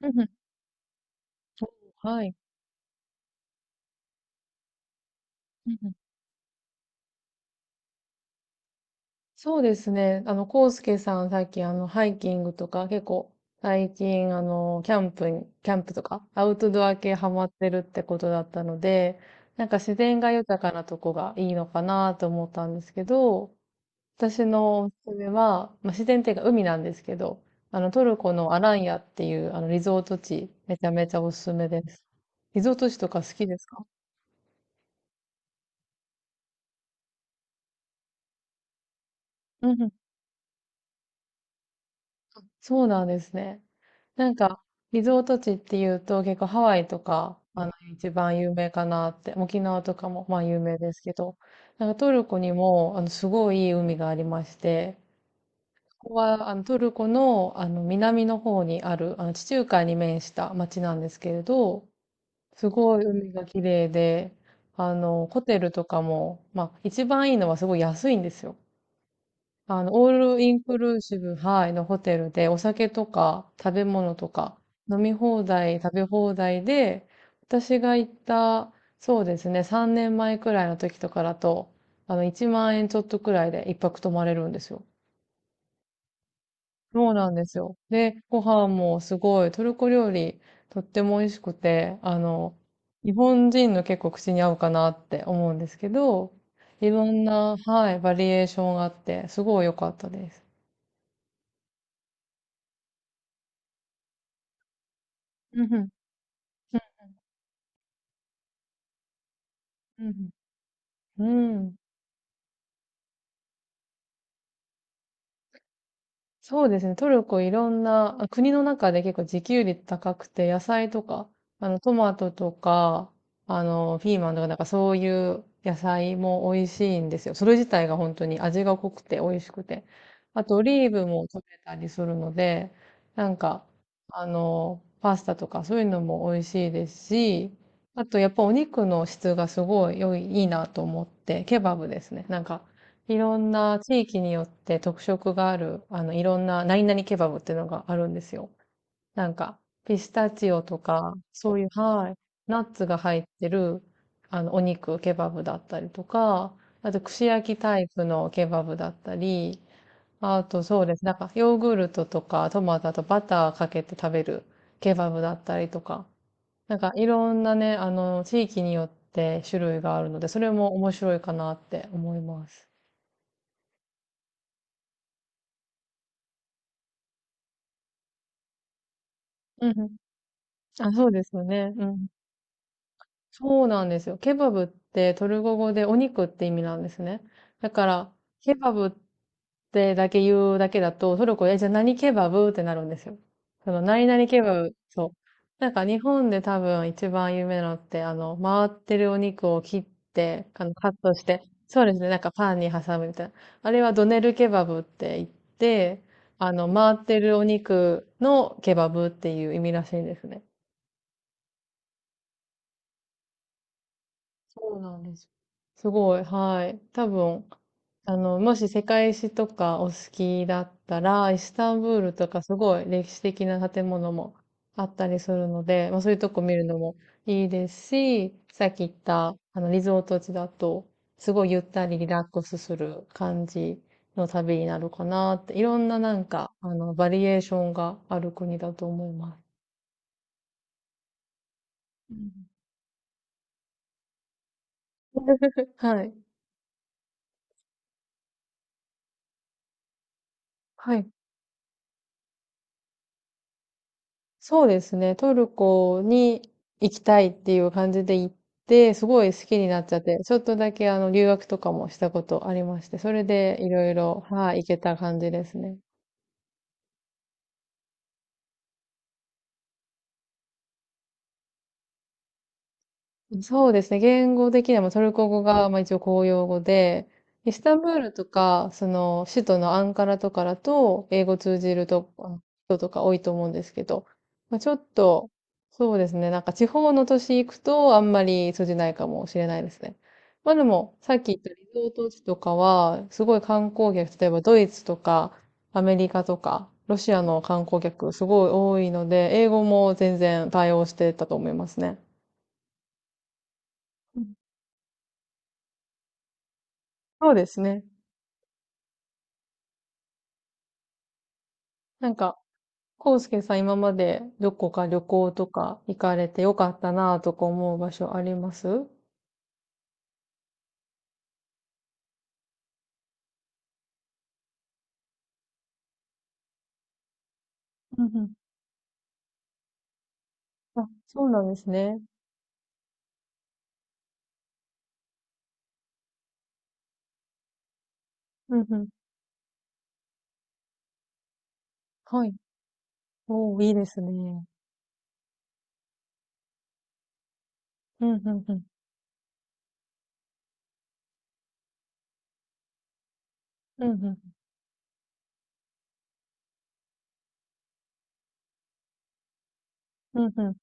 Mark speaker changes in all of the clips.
Speaker 1: うんうん。はい。うんうん。そうですね。コウスケさん、さっきハイキングとか、結構、最近、キャンプとか、アウトドア系ハマってるってことだったので、なんか自然が豊かなとこがいいのかなと思ったんですけど、私のおすすめは、まあ、自然っていうか海なんですけど、トルコのアランヤっていう、リゾート地、めちゃめちゃおすすめです。リゾート地とか好きですか？うんうん。そうなんですね。なんか、リゾート地っていうと結構ハワイとか、一番有名かなって、沖縄とかもまあ有名ですけど、なんかトルコにも、すごいいい海がありまして、ここは、トルコの、南の方にある、地中海に面した町なんですけれど、すごい海が綺麗で、ホテルとかも、まあ、一番いいのはすごい安いんですよ。オールインクルーシブ、はい、のホテルで、お酒とか食べ物とか、飲み放題、食べ放題で、私が行った、そうですね、3年前くらいの時とかだと、1万円ちょっとくらいで一泊泊まれるんですよ。そうなんですよ。で、ご飯もすごい、トルコ料理、とっても美味しくて、日本人の結構口に合うかなって思うんですけど、いろんな、はい、バリエーションがあって、すごい良かったです。うんうんうんうん。うん。そうですね。トルコいろんな、国の中で結構自給率高くて、野菜とか、トマトとか、ピーマンとか、なんかそういう野菜も美味しいんですよ。それ自体が本当に味が濃くて美味しくて。あと、オリーブも取れたりするので、なんか、パスタとかそういうのも美味しいですし、あと、やっぱお肉の質がすごいいいなと思って、ケバブですね。なんか、いろんな地域によって特色がある、いろんな何々ケバブっていうのがあるんですよ。なんか、ピスタチオとか、そういう、はい、ナッツが入ってる、お肉、ケバブだったりとか、あと、串焼きタイプのケバブだったり、あと、そうです。なんか、ヨーグルトとか、トマトとバターかけて食べるケバブだったりとか、なんか、いろんなね、地域によって種類があるので、それも面白いかなって思います。うんうん。あ、そうですよね。うん。そうなんですよ。ケバブってトルコ語でお肉って意味なんですね。だから、ケバブってだけ言うだけだと、トルコで、じゃあ何ケバブってなるんですよ。その、何々ケバブ、そう。なんか日本で多分一番有名なのって、回ってるお肉を切って、カットして、そうですね、なんかパンに挟むみたいな。あれはドネルケバブって言って、回ってるお肉のケバブっていう意味らしいんですね。そうなんです。すごい、はい。多分、もし世界史とかお好きだったら、イスタンブールとかすごい歴史的な建物もあったりするので、まあそういうとこ見るのもいいですし、さっき言った、リゾート地だと、すごいゆったりリラックスする感じの旅になるかなって、いろんななんか、バリエーションがある国だと思います。うん。はい。はい。そうですね。トルコに行きたいっていう感じで行って、すごい好きになっちゃって、ちょっとだけ留学とかもしたことありまして、それでいろいろ、はい、行けた感じですね。そうですね。言語的にはもうトルコ語が、まあ、一応公用語で、イスタンブールとか、その、首都のアンカラとかだと、英語通じると、人とか多いと思うんですけど、まあ、ちょっと、そうですね。なんか地方の都市行くと、あんまり通じないかもしれないですね。まあでも、さっき言ったリゾート地とかは、すごい観光客、例えばドイツとか、アメリカとか、ロシアの観光客、すごい多いので、英語も全然対応してたと思いますね。そうですね。なんか、コウスケさん今までどこか旅行とか行かれてよかったなぁとか思う場所あります？うんうん。あ、そうなんですね。うんうん。はい。おー、いいですね。うんうんうん。うんうん。うんうん。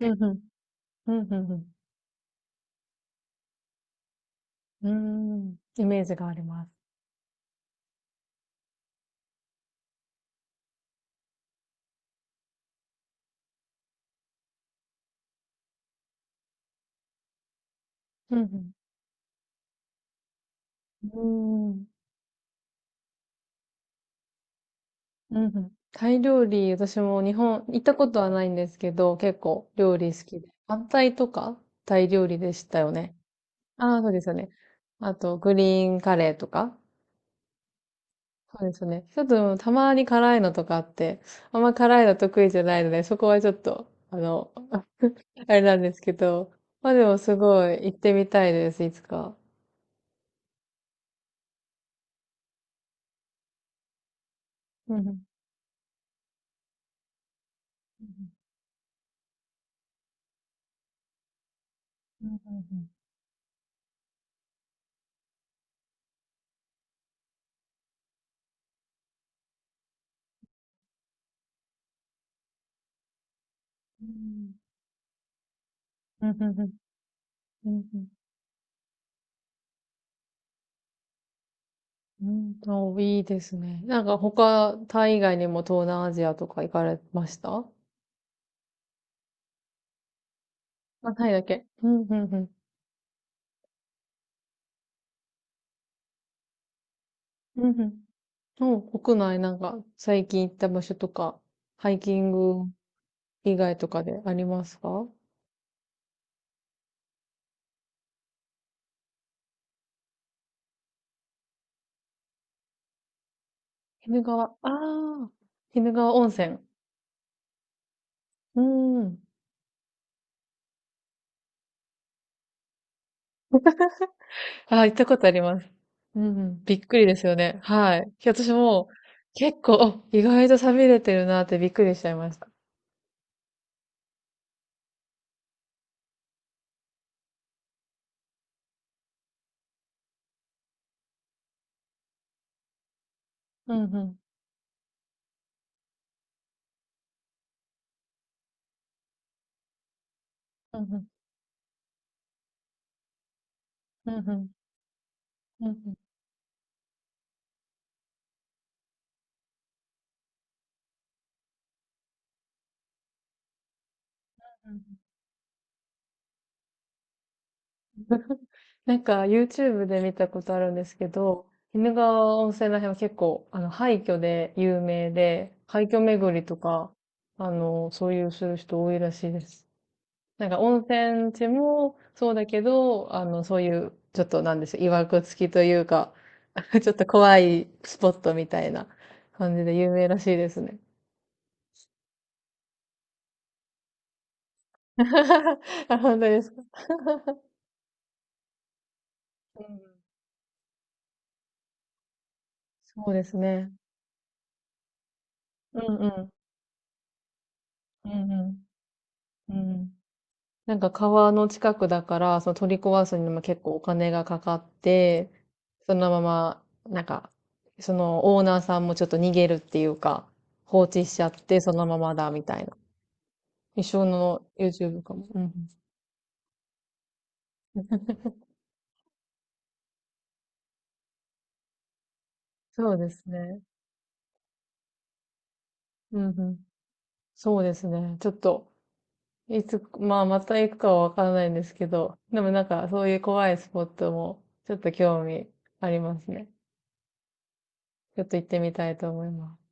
Speaker 1: うんうん。うんうんうん。うーん。イメージがあります。うんうん。うーん。うんうん。タイ料理、私も日本行ったことはないんですけど、結構料理好きで。反対とかタイ料理でしたよね。ああ、そうですよね。あと、グリーンカレーとか。そうですね。ちょっと、たまに辛いのとかあって、あんま辛いの得意じゃないので、そこはちょっと、あれなんですけど。まあでも、すごい、行ってみたいです、いつか。うんうんうんうんうんうんうんうんうん。お、いいですね。なんか他、タイ以外にも東南アジアとか行かれました？あ、タイだけ。うん、うん、うん。うん、うん。国内なんか最近行った場所とか、ハイキング以外とかでありますか？鬼怒川、ああ、鬼怒川温泉。うん。ああ、行ったことあります。うん、びっくりですよね。はい。私も結構、あ、意外と寂れてるなってびっくりしちゃいました。うんうん、うんうん、うんうん、うんうん。なんか YouTube で見たことあるんですけど、鬼怒川温泉ら辺は結構、廃墟で有名で、廃墟巡りとか、そういうする人多いらしいです。なんか温泉地もそうだけど、そういう、ちょっとなんでしょう、曰く付きというか、ちょっと怖いスポットみたいな感じで有名らしいですね。あ、本当ですか。うん。そうですね。うんうん。うんうん。うん。なんか川の近くだから、その取り壊すにも結構お金がかかって、そのまま、なんか、そのオーナーさんもちょっと逃げるっていうか、放置しちゃって、そのままだ、みたいな。一生の YouTube かも。うんうん、そうですね。うんうん、そうですね。ちょっと、いつ、まあ、また行くかはわからないんですけど、でもなんか、そういう怖いスポットも、ちょっと興味ありますね。ちょっと行ってみたいと思います。